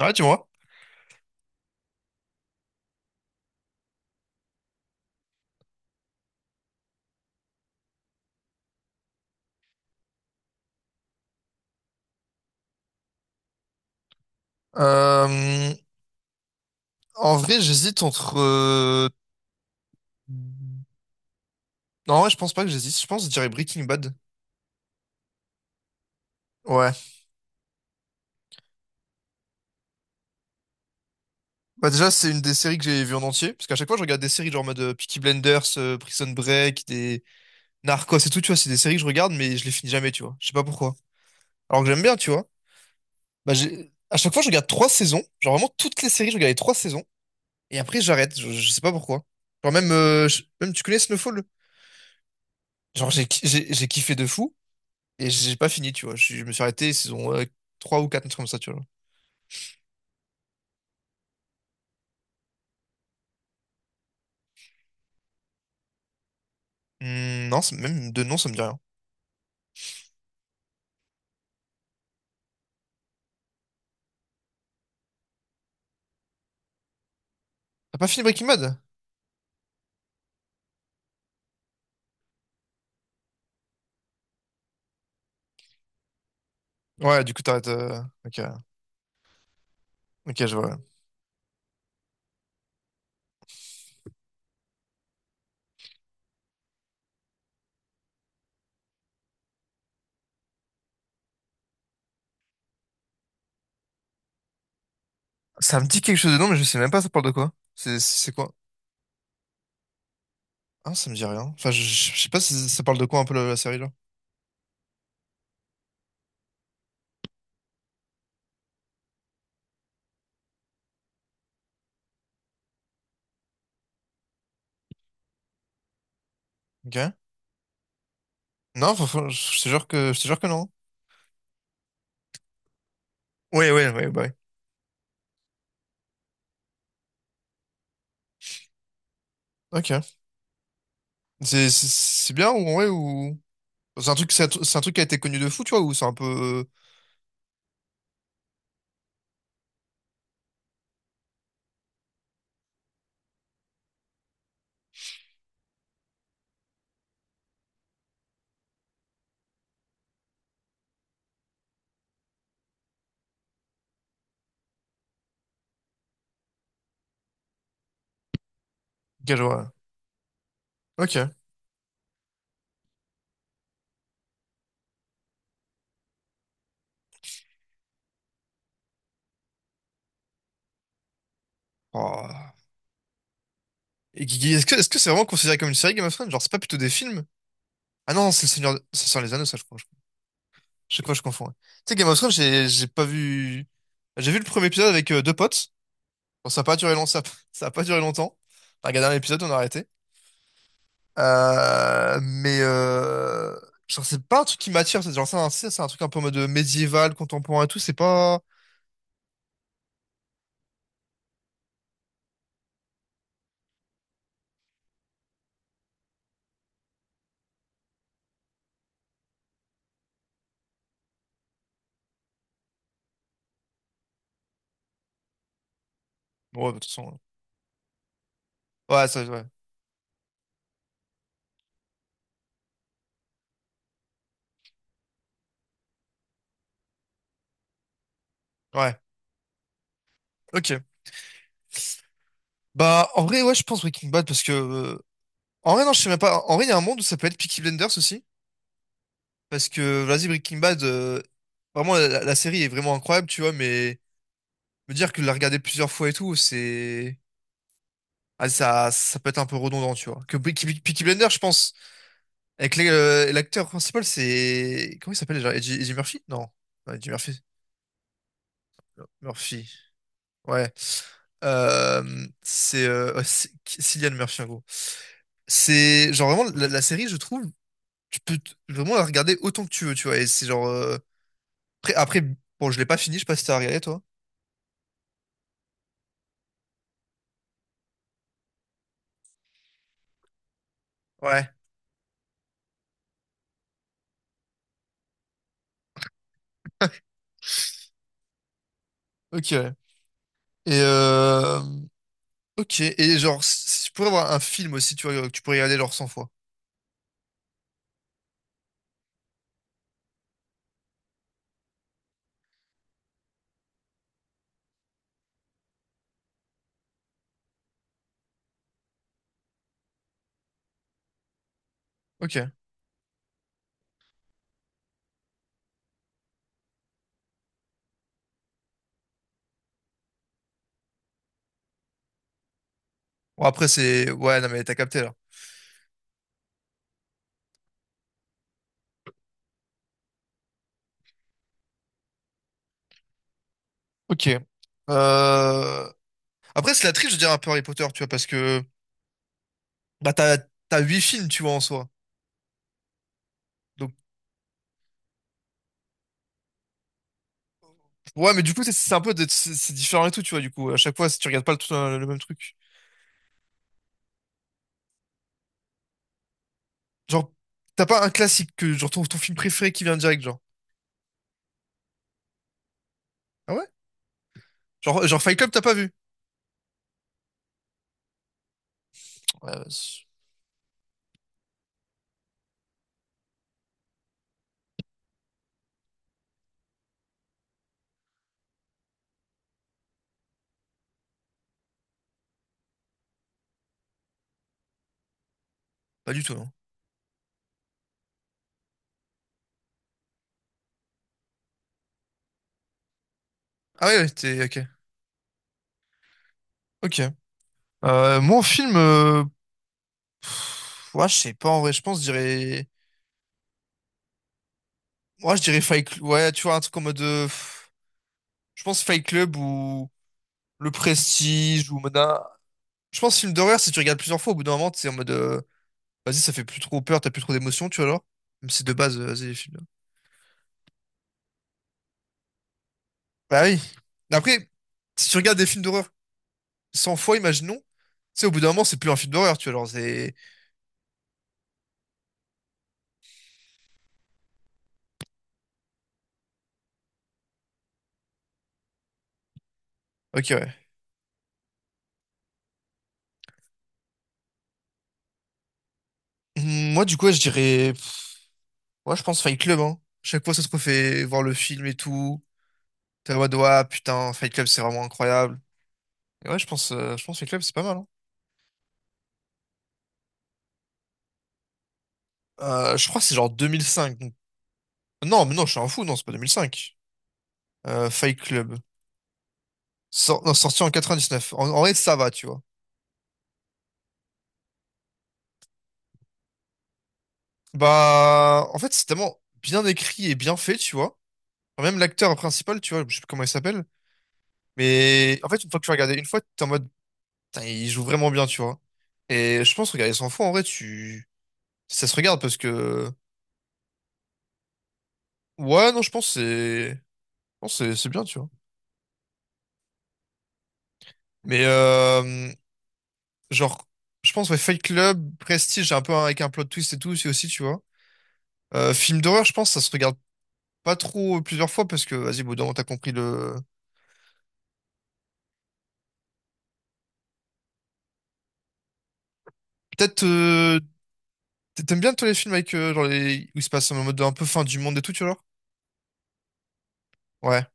Ouais, tu vois. Euh, en vrai, j'hésite entre. Non, ouais, je pense pas que j'hésite. Je pense que je dirais Breaking Bad. Ouais. Bah déjà, c'est une des séries que j'ai vues en entier. Parce qu'à chaque fois, je regarde des séries genre en mode Peaky Blinders, Prison Break, des Narcos et tout, tu vois. C'est des séries que je regarde, mais je les finis jamais, tu vois. Je sais pas pourquoi. Alors que j'aime bien, tu vois. À chaque fois, je regarde trois saisons. Genre vraiment toutes les séries, je regarde les trois saisons. Et après, j'arrête. Je sais pas pourquoi. Genre même, même tu connais Snowfall? Genre j'ai kiffé de fou. Et j'ai pas fini, tu vois. Je me suis arrêté saison 3 ou 4 un truc comme ça, tu vois. Hmm, non, même de nom, ça me dit rien. T'as pas fini Breaking Bad? Ouais, du coup, t'arrêtes. Ok, ok, je vois. Ça me dit quelque chose de nom, mais je sais même pas ça parle de quoi. C'est quoi? Ah, ça me dit rien. Enfin, je sais pas si ça parle de quoi un peu la série là. Ok. Non, je te jure que, je te jure que non. Ouais, ouais, ouais, bah ouais. Ok. C'est bien ou ouais ou. C'est un truc qui a été connu de fou, tu vois, ou c'est un peu. Ok, je vois. Ok. Oh. Et Guigui, est-ce que c'est vraiment considéré comme une série Game of Thrones? Genre, c'est pas plutôt des films? Ah non, c'est le Seigneur, c'est sur les Anneaux, ça, je crois. Chaque fois, je confonds, ouais. Tu sais, Game of Thrones, j'ai pas vu. J'ai vu le premier épisode avec deux potes. Bon, ça a pas duré long, ça, ça a pas duré longtemps. On a regardé un épisode, on a arrêté. Euh, mais euh, genre, c'est pas un truc qui m'attire. C'est genre, c'est un truc un peu en mode médiéval, contemporain et tout. C'est pas. Bon, ouais, de toute façon. Ouais, ça, ouais. Ouais. Ok. Bah, en vrai, ouais, je pense Breaking Bad parce que. En vrai, non, je sais même pas. En vrai, il y a un monde où ça peut être Peaky Blinders aussi. Parce que, vas-y, Breaking Bad, vraiment, la série est vraiment incroyable, tu vois, mais me dire que de la regarder plusieurs fois et tout, c'est. Ah, ça peut être un peu redondant, tu vois. Que Peaky Blinders, je pense, avec l'acteur principal, c'est. Comment il s'appelle déjà? Eddie Murphy? Non. Non, Eddie Murphy. Murphy. Ouais. C'est. Ouais, Cillian Murphy, en gros. C'est genre vraiment la série, je trouve, vraiment la regarder autant que tu veux, tu vois. Et c'est genre après, bon, je l'ai pas fini, je sais pas si t'as regardé toi. Ouais. Ok. ouais. Et euh... Ok. Et genre, si tu pourrais avoir un film aussi, tu vois, que tu pourrais regarder genre 100 fois. Ok. Bon, après, c'est... Ouais, non, mais t'as capté, là. Ok. Euh... Après, c'est la triche, je dirais, un peu Harry Potter, tu vois, parce que... Bah, t'as 8 films, tu vois, en soi. Donc, ouais, mais du coup, c'est un peu... C'est différent et tout, tu vois, du coup. À chaque fois, si tu regardes pas le même truc. Genre, t'as pas un classique que... Genre, ton film préféré qui vient direct, genre. Ah ouais? Genre, Fight Club, t'as pas vu? Ouais, bah, pas du tout, non. Ah ouais, ouais, t'es... Ok. Ok. Moi, en film, pff, ouais, je sais pas, en vrai, je pense, je dirais, moi, je dirais Fight Club, ouais, tu vois, un truc en mode, pff, je pense Fight Club ou Le Prestige ou Mona. Je pense film d'horreur, si tu regardes plusieurs fois, au bout d'un moment, t'es en mode, vas-y, ça fait plus trop peur, t'as plus trop d'émotions, tu vois, alors. Même si de base, vas-y, les films. Bah oui. Mais après, si tu regardes des films d'horreur 100 fois, imaginons, tu sais, au bout d'un moment, c'est plus un film d'horreur, tu vois, alors c'est, ok, ouais. Hum. Moi, du coup, ouais, je dirais, pff, ouais, je pense Fight Club, hein. Chaque fois, ça te refait voir le film et tout. T'es en mode, ouais, putain, Fight Club, c'est vraiment incroyable. Et ouais, je pense Fight Club, c'est pas mal, hein. Je crois que c'est genre 2005. Non, mais non, je suis un fou, non, c'est pas 2005. Fight Club. Non, sorti en 99. En vrai, ça va, tu vois. Bah, en fait, c'est tellement bien écrit et bien fait, tu vois. Enfin, même l'acteur principal, tu vois, je sais plus comment il s'appelle. Mais en fait, une fois que tu regardes une fois, t'es en mode, putain, il joue vraiment bien, tu vois. Et je pense, regarder 100 fois, en vrai, tu... Ça se regarde parce que... Ouais, non, je pense que c'est... Je pense que c'est bien, tu vois. Mais genre, je pense, ouais, Fight Club, Prestige, un peu avec un plot twist et tout, c'est aussi, tu vois. Film d'horreur, je pense, ça se regarde pas trop plusieurs fois parce que, vas-y, bon, moment, t'as compris le. Peut-être, t'aimes bien tous les films avec, genre, les... où il se passe en mode un peu fin du monde et tout, tu vois, genre. Ouais.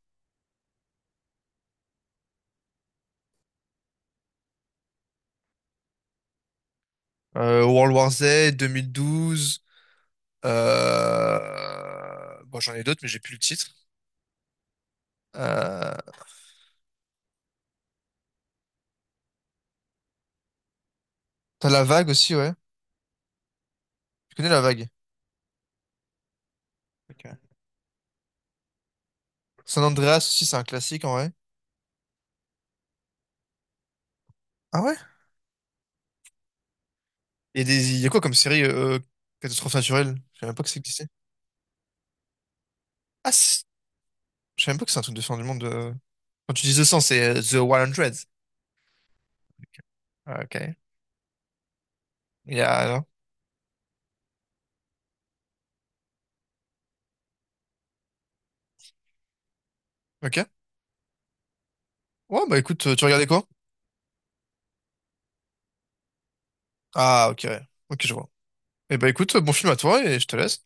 World War Z, 2012. Bon, j'en ai d'autres, mais j'ai plus le titre. Euh... T'as La Vague aussi, ouais. Tu connais La Vague? Ok. San Andreas aussi, c'est un classique en vrai. Ah ouais? Et des... il y a quoi comme série catastrophe naturelle? Je savais même pas que ça existait. Ah, je savais même pas que c'est un truc de fin du monde. Quand tu dis The 100, c'est The 100. Ah, ok. Il y a... alors. Ok. Ouais, bah écoute, tu regardais quoi? Ah, ok, ouais. Ok, je vois. Et bah écoute, bon film à toi et je te laisse.